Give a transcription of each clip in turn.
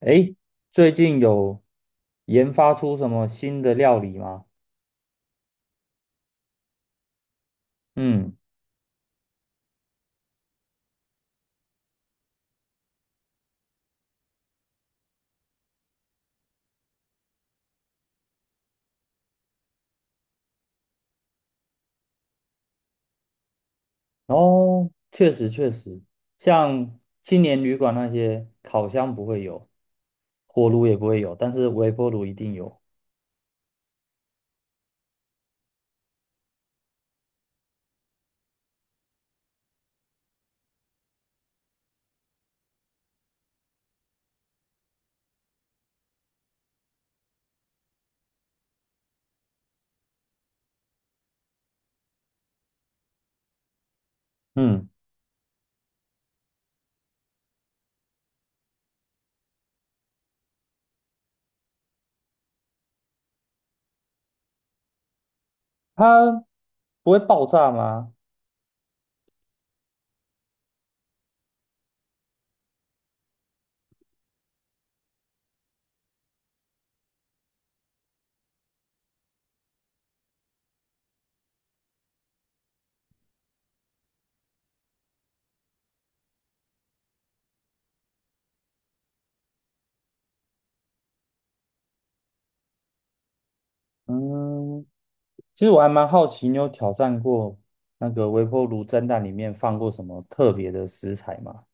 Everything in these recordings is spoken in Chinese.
诶，最近有研发出什么新的料理吗？嗯，哦，确实确实，像青年旅馆那些，烤箱不会有，火炉也不会有，但是微波炉一定有。嗯，它不会爆炸吗？嗯，其实我还蛮好奇，你有挑战过那个微波炉蒸蛋里面放过什么特别的食材吗？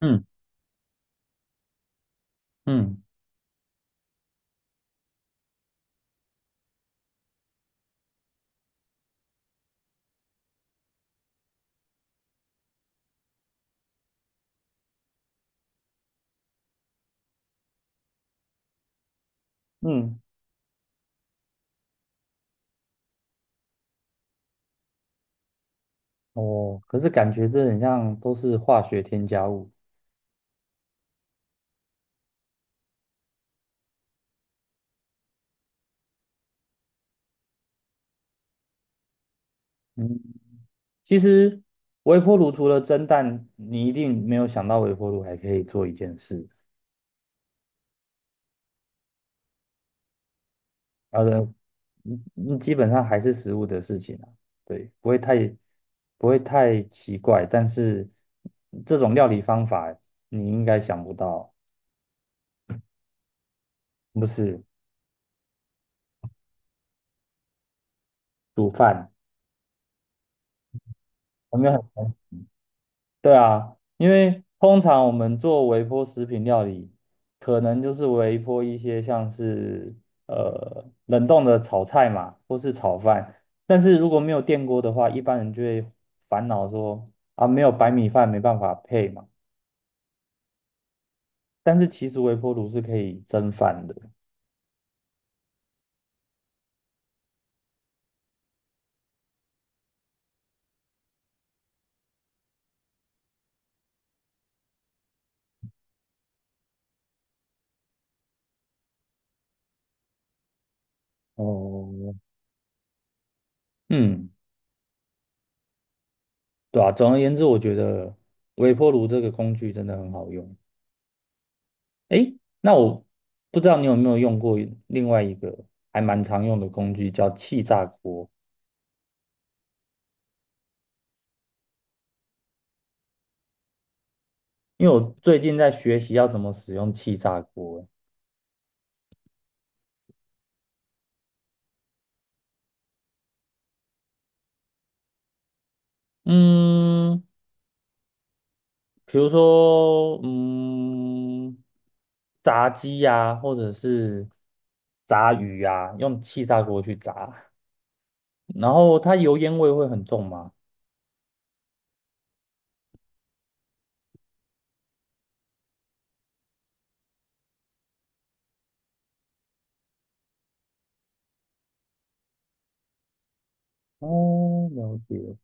嗯嗯嗯，哦，可是感觉这很像都是化学添加物。嗯，其实微波炉除了蒸蛋，你一定没有想到微波炉还可以做一件事，然后呢，基本上还是食物的事情啊，对，不会太奇怪，但是这种料理方法你应该想不到，不是煮饭，有没有？对啊，因为通常我们做微波食品料理，可能就是微波一些像是冷冻的炒菜嘛，或是炒饭。但是如果没有电锅的话，一般人就会烦恼说啊，没有白米饭没办法配嘛。但是其实微波炉是可以蒸饭的。哦，嗯，对啊，总而言之，我觉得微波炉这个工具真的很好用。诶，那我不知道你有没有用过另外一个还蛮常用的工具，叫气炸锅。因为我最近在学习要怎么使用气炸锅。嗯，比如说，炸鸡呀、或者是炸鱼呀、用气炸锅去炸。然后它油烟味会很重吗？哦，了解。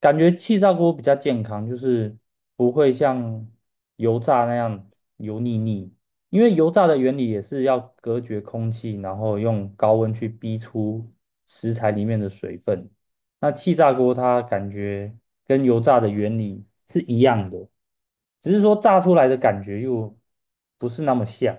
感觉气炸锅比较健康，就是不会像油炸那样油腻腻。因为油炸的原理也是要隔绝空气，然后用高温去逼出食材里面的水分。那气炸锅它感觉跟油炸的原理是一样的，只是说炸出来的感觉又不是那么像，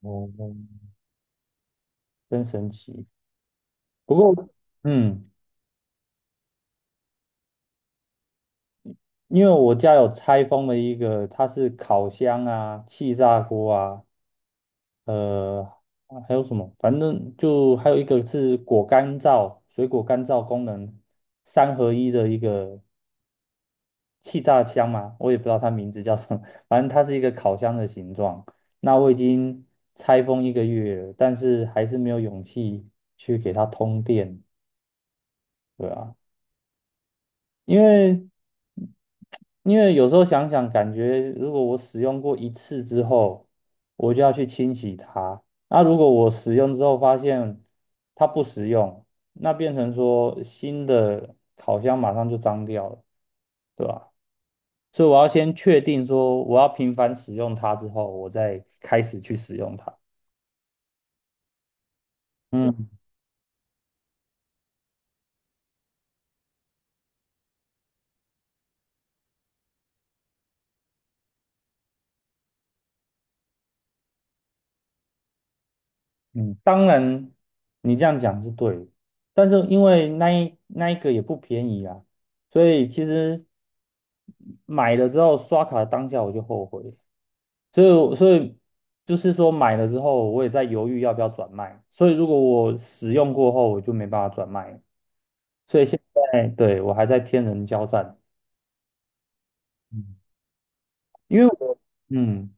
哦，真神奇。不过，嗯。因为我家有拆封的一个，它是烤箱啊、气炸锅啊，呃，啊还有什么？反正就还有一个是果干燥、水果干燥功能三合一的一个气炸箱嘛，我也不知道它名字叫什么，反正它是一个烤箱的形状。那我已经拆封一个月了但是还是没有勇气去给它通电，对啊。因为因为有时候想想，感觉如果我使用过一次之后，我就要去清洗它。那如果我使用之后发现它不实用，那变成说新的烤箱马上就脏掉了，对吧？所以我要先确定说我要频繁使用它之后，我再开始去使用它。嗯嗯，当然，你这样讲是对的。但是因为那一个也不便宜啊，所以其实买了之后刷卡当下我就后悔了所以就是说买了之后我也在犹豫要不要转卖，所以如果我使用过后我就没办法转卖了所以现在对我还在天人交战，嗯，因为我嗯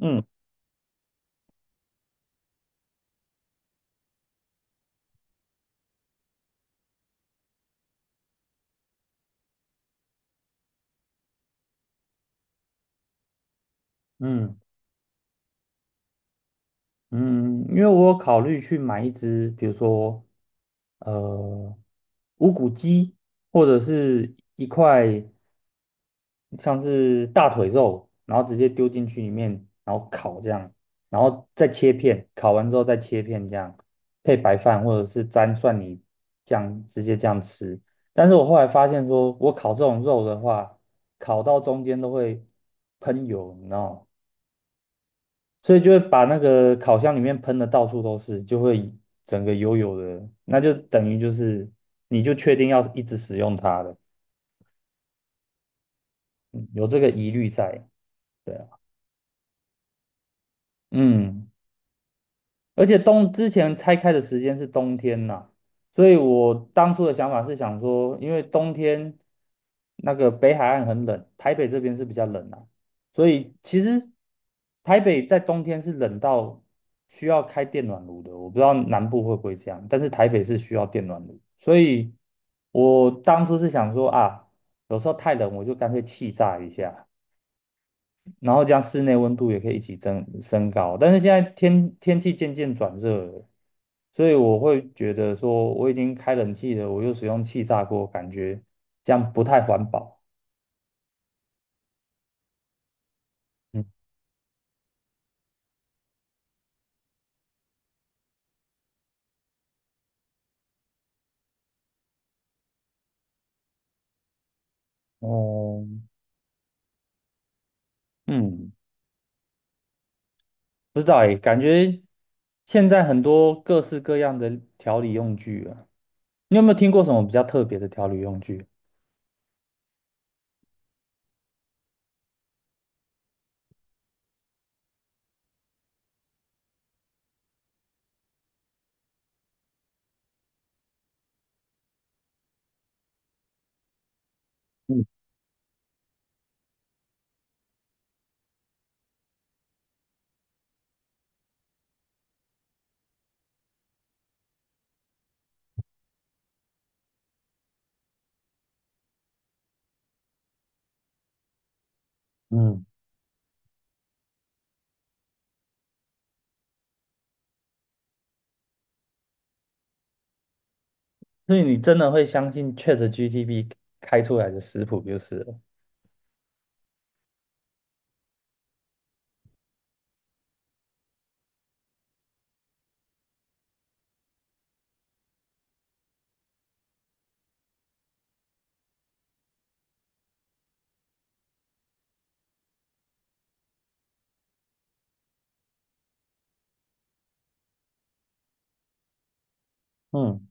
嗯嗯。嗯，因为我有考虑去买一只，比如说，呃，无骨鸡，或者是一块像是大腿肉，然后直接丢进去里面，然后烤这样，然后再切片，烤完之后再切片这样，配白饭或者是沾蒜泥酱，直接这样吃。但是我后来发现说，我烤这种肉的话，烤到中间都会喷油，你知道吗？所以就会把那个烤箱里面喷的到处都是，就会整个油油的，那就等于就是你就确定要一直使用它了，嗯有这个疑虑在，对啊，嗯。而且之前拆开的时间是冬天呐、所以我当初的想法是想说，因为冬天那个北海岸很冷，台北这边是比较冷啊，所以其实台北在冬天是冷到需要开电暖炉的，我不知道南部会不会这样，但是台北是需要电暖炉，所以我当初是想说啊，有时候太冷我就干脆气炸一下。然后这样室内温度也可以一起升高，但是现在天气渐渐转热了，所以我会觉得说我已经开冷气了，我又使用气炸锅，感觉这样不太环保。嗯，哦，嗯，不知道诶，感觉现在很多各式各样的调理用具啊，你有没有听过什么比较特别的调理用具？嗯嗯所以你真的会相信 ChatGPT 开出来的食谱就是了。嗯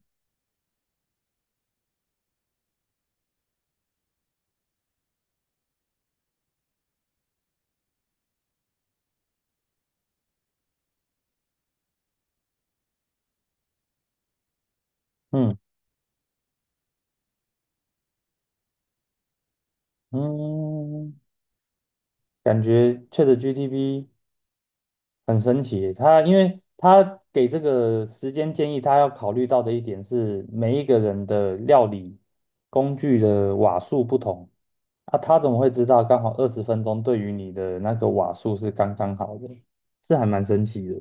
嗯，嗯，感觉确实 GTP 很神奇，因为他给这个时间建议，他要考虑到的一点是每一个人的料理工具的瓦数不同啊，他怎么会知道刚好20分钟对于你的那个瓦数是刚刚好的？是还蛮神奇的。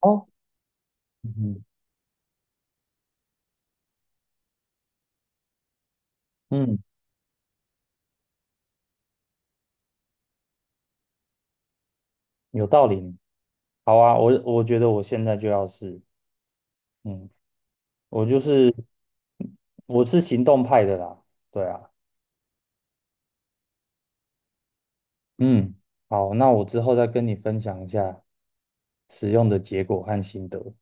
哦，嗯嗯，有道理。好啊，我觉得我现在就要试。嗯，我就是我是行动派的啦，对啊。嗯，好，那我之后再跟你分享一下使用的结果和心得。